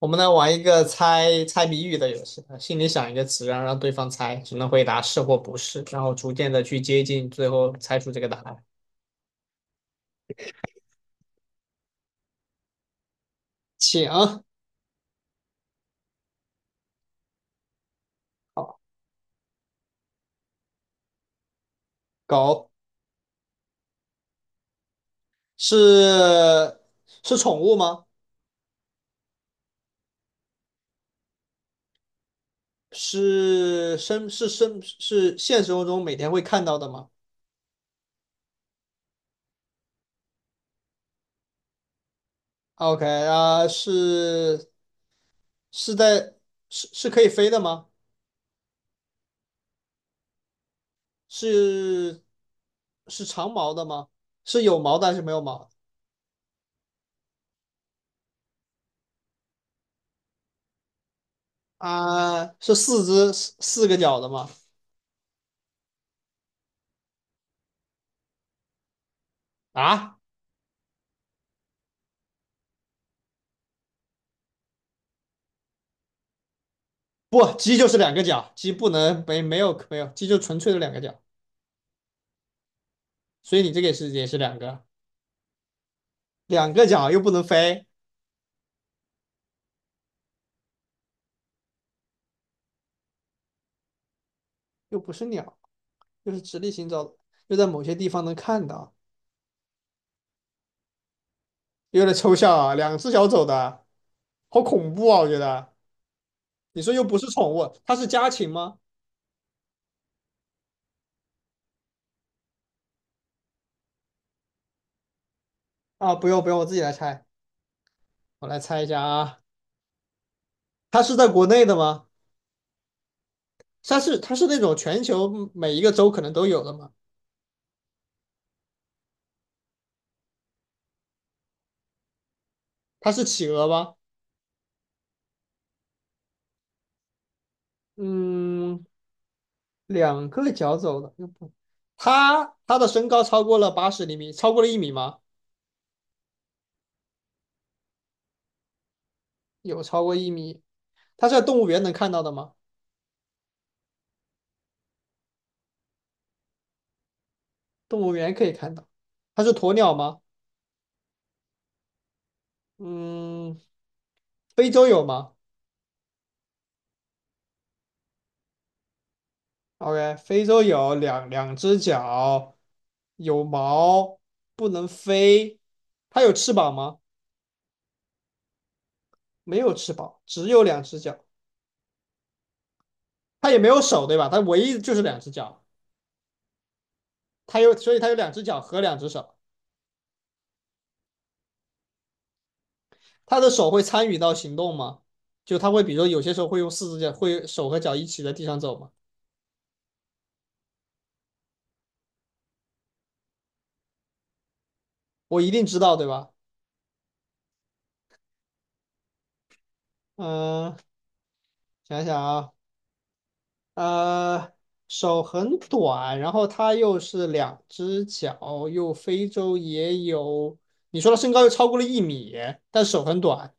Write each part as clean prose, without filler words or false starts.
我们来玩一个猜猜谜语的游戏，心里想一个词，然后让对方猜，只能回答是或不是，然后逐渐的去接近，最后猜出这个答案。请，狗。是。是宠物吗？是生是生是现实生活中每天会看到的吗？OK 啊，是。是在是可以飞的吗？是是长毛的吗？是有毛的还是没有毛的啊，是四只四四个脚的吗？啊，不，鸡就是两个脚，鸡不能没有，鸡就纯粹的两个脚，所以你这个也是两个，两个脚又不能飞，又不是鸟，又是直立行走的，又在某些地方能看到，有点抽象啊，两只脚走的，好恐怖啊，我觉得。你说又不是宠物，它是家禽吗？啊，不用，不用，我自己来猜，我来猜一下啊，它是在国内的吗？它是那种全球每一个州可能都有的吗？它是企鹅吗？嗯，两个脚走的，又不，他的身高超过了80厘米，超过了一米吗？有超过一米。他是在动物园能看到的吗？动物园可以看到。他是鸵鸟吗？嗯，非洲有吗？OK，非洲有两只脚，有毛，不能飞。它有翅膀吗？没有翅膀，只有两只脚。它也没有手，对吧？它唯一就是两只脚。它有，所以它有两只脚和两只手。他的手会参与到行动吗？就他会，比如说有些时候会用四只脚，会手和脚一起在地上走吗？我一定知道，对吧？嗯，想想啊，呃，手很短，然后他又是两只脚，又非洲也有。你说他身高又超过了一米，但手很短，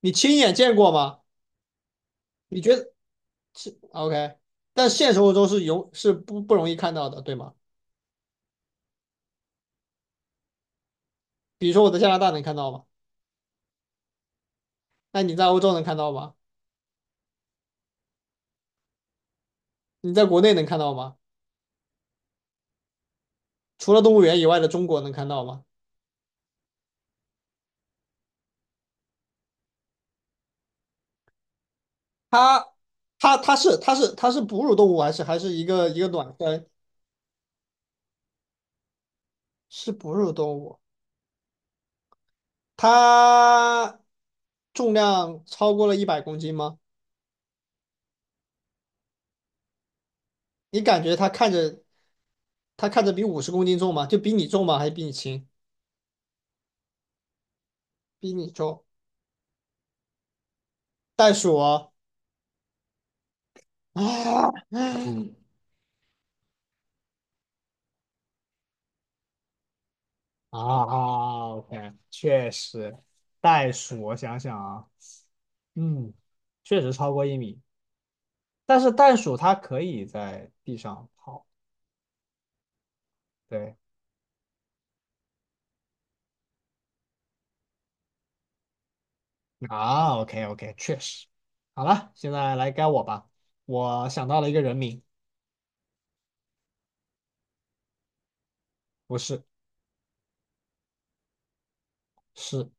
你亲眼见过吗？你觉得是 OK？但现实生活中是有是不容易看到的，对吗？比如说我在加拿大能看到吗？那你在欧洲能看到吗？你在国内能看到吗？除了动物园以外的中国能看到吗？它它是哺乳动物还是一个卵生？是哺乳动物，它重量超过了100公斤吗？你感觉它看着比50公斤重吗？就比你重吗？还是比你轻？比你重。袋鼠啊。嗯。 啊啊，OK，确实，袋鼠，我想想啊，嗯，确实超过一米。但是袋鼠它可以在地上跑。对啊，OK OK，确实。好了，现在来该我吧。我想到了一个人名，不是，是，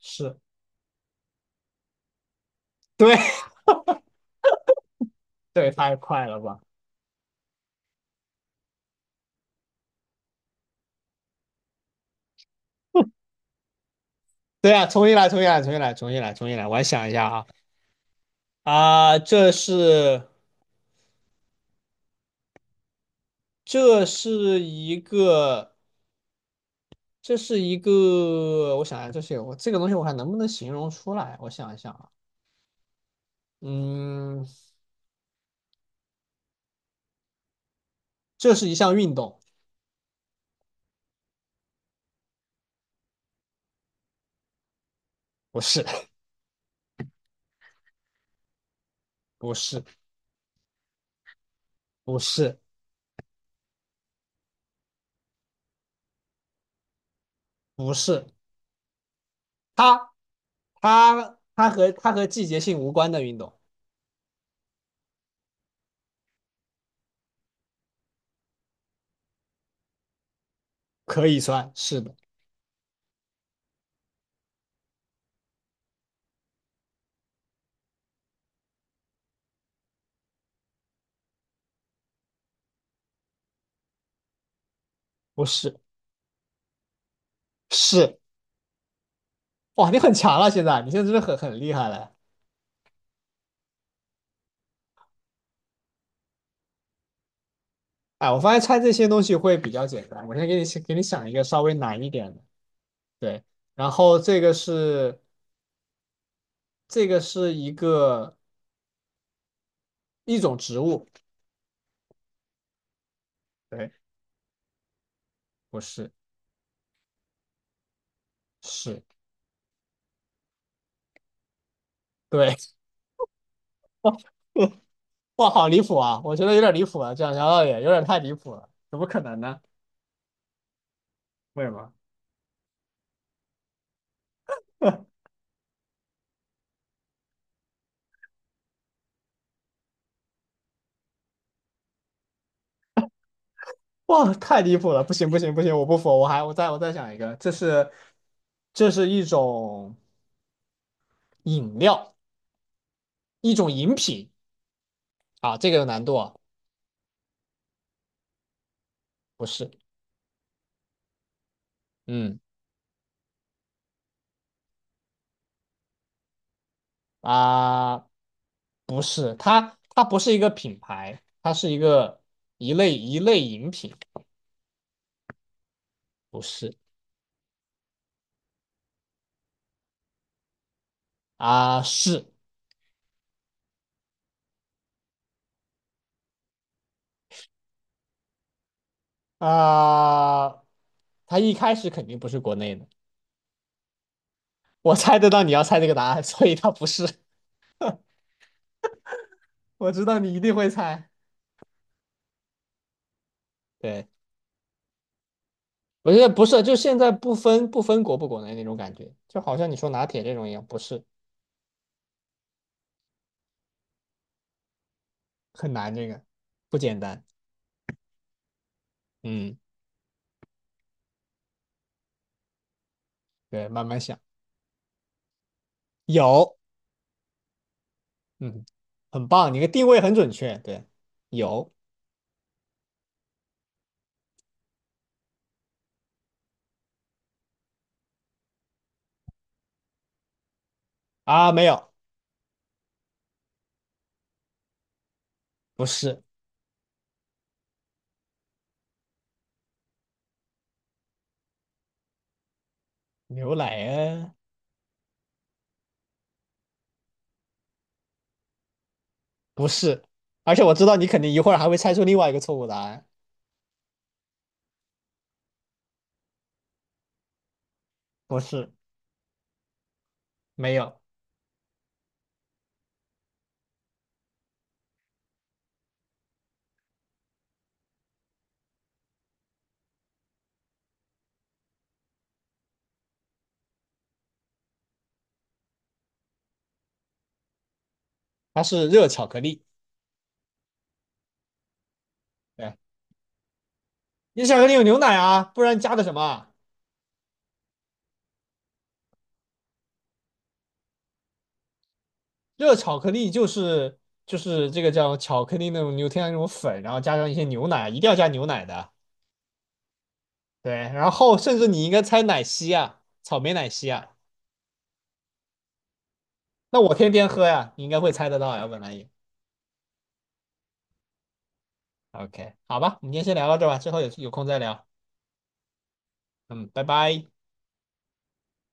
是，对。 对，太快了吧？对啊，重新来，重新来，重新来，重新来，重新来。我来想一下啊。啊，这是一个这是一个，我想一下，这是我这个东西我还能不能形容出来？我想一想啊，嗯，这是一项运动，不是。不是，不是，不是，它它和季节性无关的运动可以算是的，不是，是。哇，你很强了，现在你现在真的很厉害了。哎，我发现猜这些东西会比较简单，我先给你想一个稍微难一点的，对，然后这个是一种植物，对，不是，是，对。哇，好离谱啊，我觉得有点离谱了，这样聊到也有点太离谱了，怎么可能呢？为什么？哇，太离谱了！不行，不行，不行，我不服，我再想一个，这是这是一种饮料，一种饮品。啊，这个有难度啊，不是，嗯。啊，不是，它它不是一个品牌，它是一个一类饮品，不是啊，是啊，它一开始肯定不是国内的，我猜得到你要猜这个答案，所以它不是，我知道你一定会猜，对。我觉得不是，就现在不分国不国内那种感觉，就好像你说拿铁这种一样，不是很难，这个不简单。嗯，对，慢慢想，有，嗯，很棒，你的定位很准确。对，有啊，没有，不是牛奶啊，不是，而且我知道你肯定一会儿还会猜出另外一个错误答案，不是，没有，它是热巧克力。对，你巧克力有牛奶啊，不然加的什么啊。热巧克力就是这个叫巧克力那种牛天然那种粉，然后加上一些牛奶，一定要加牛奶的。对，然后甚至你应该猜奶昔啊，草莓奶昔啊。那我天天喝呀，你应该会猜得到呀，本来也。OK，好吧，我们今天先聊到这吧，之后有空再聊。嗯，拜拜。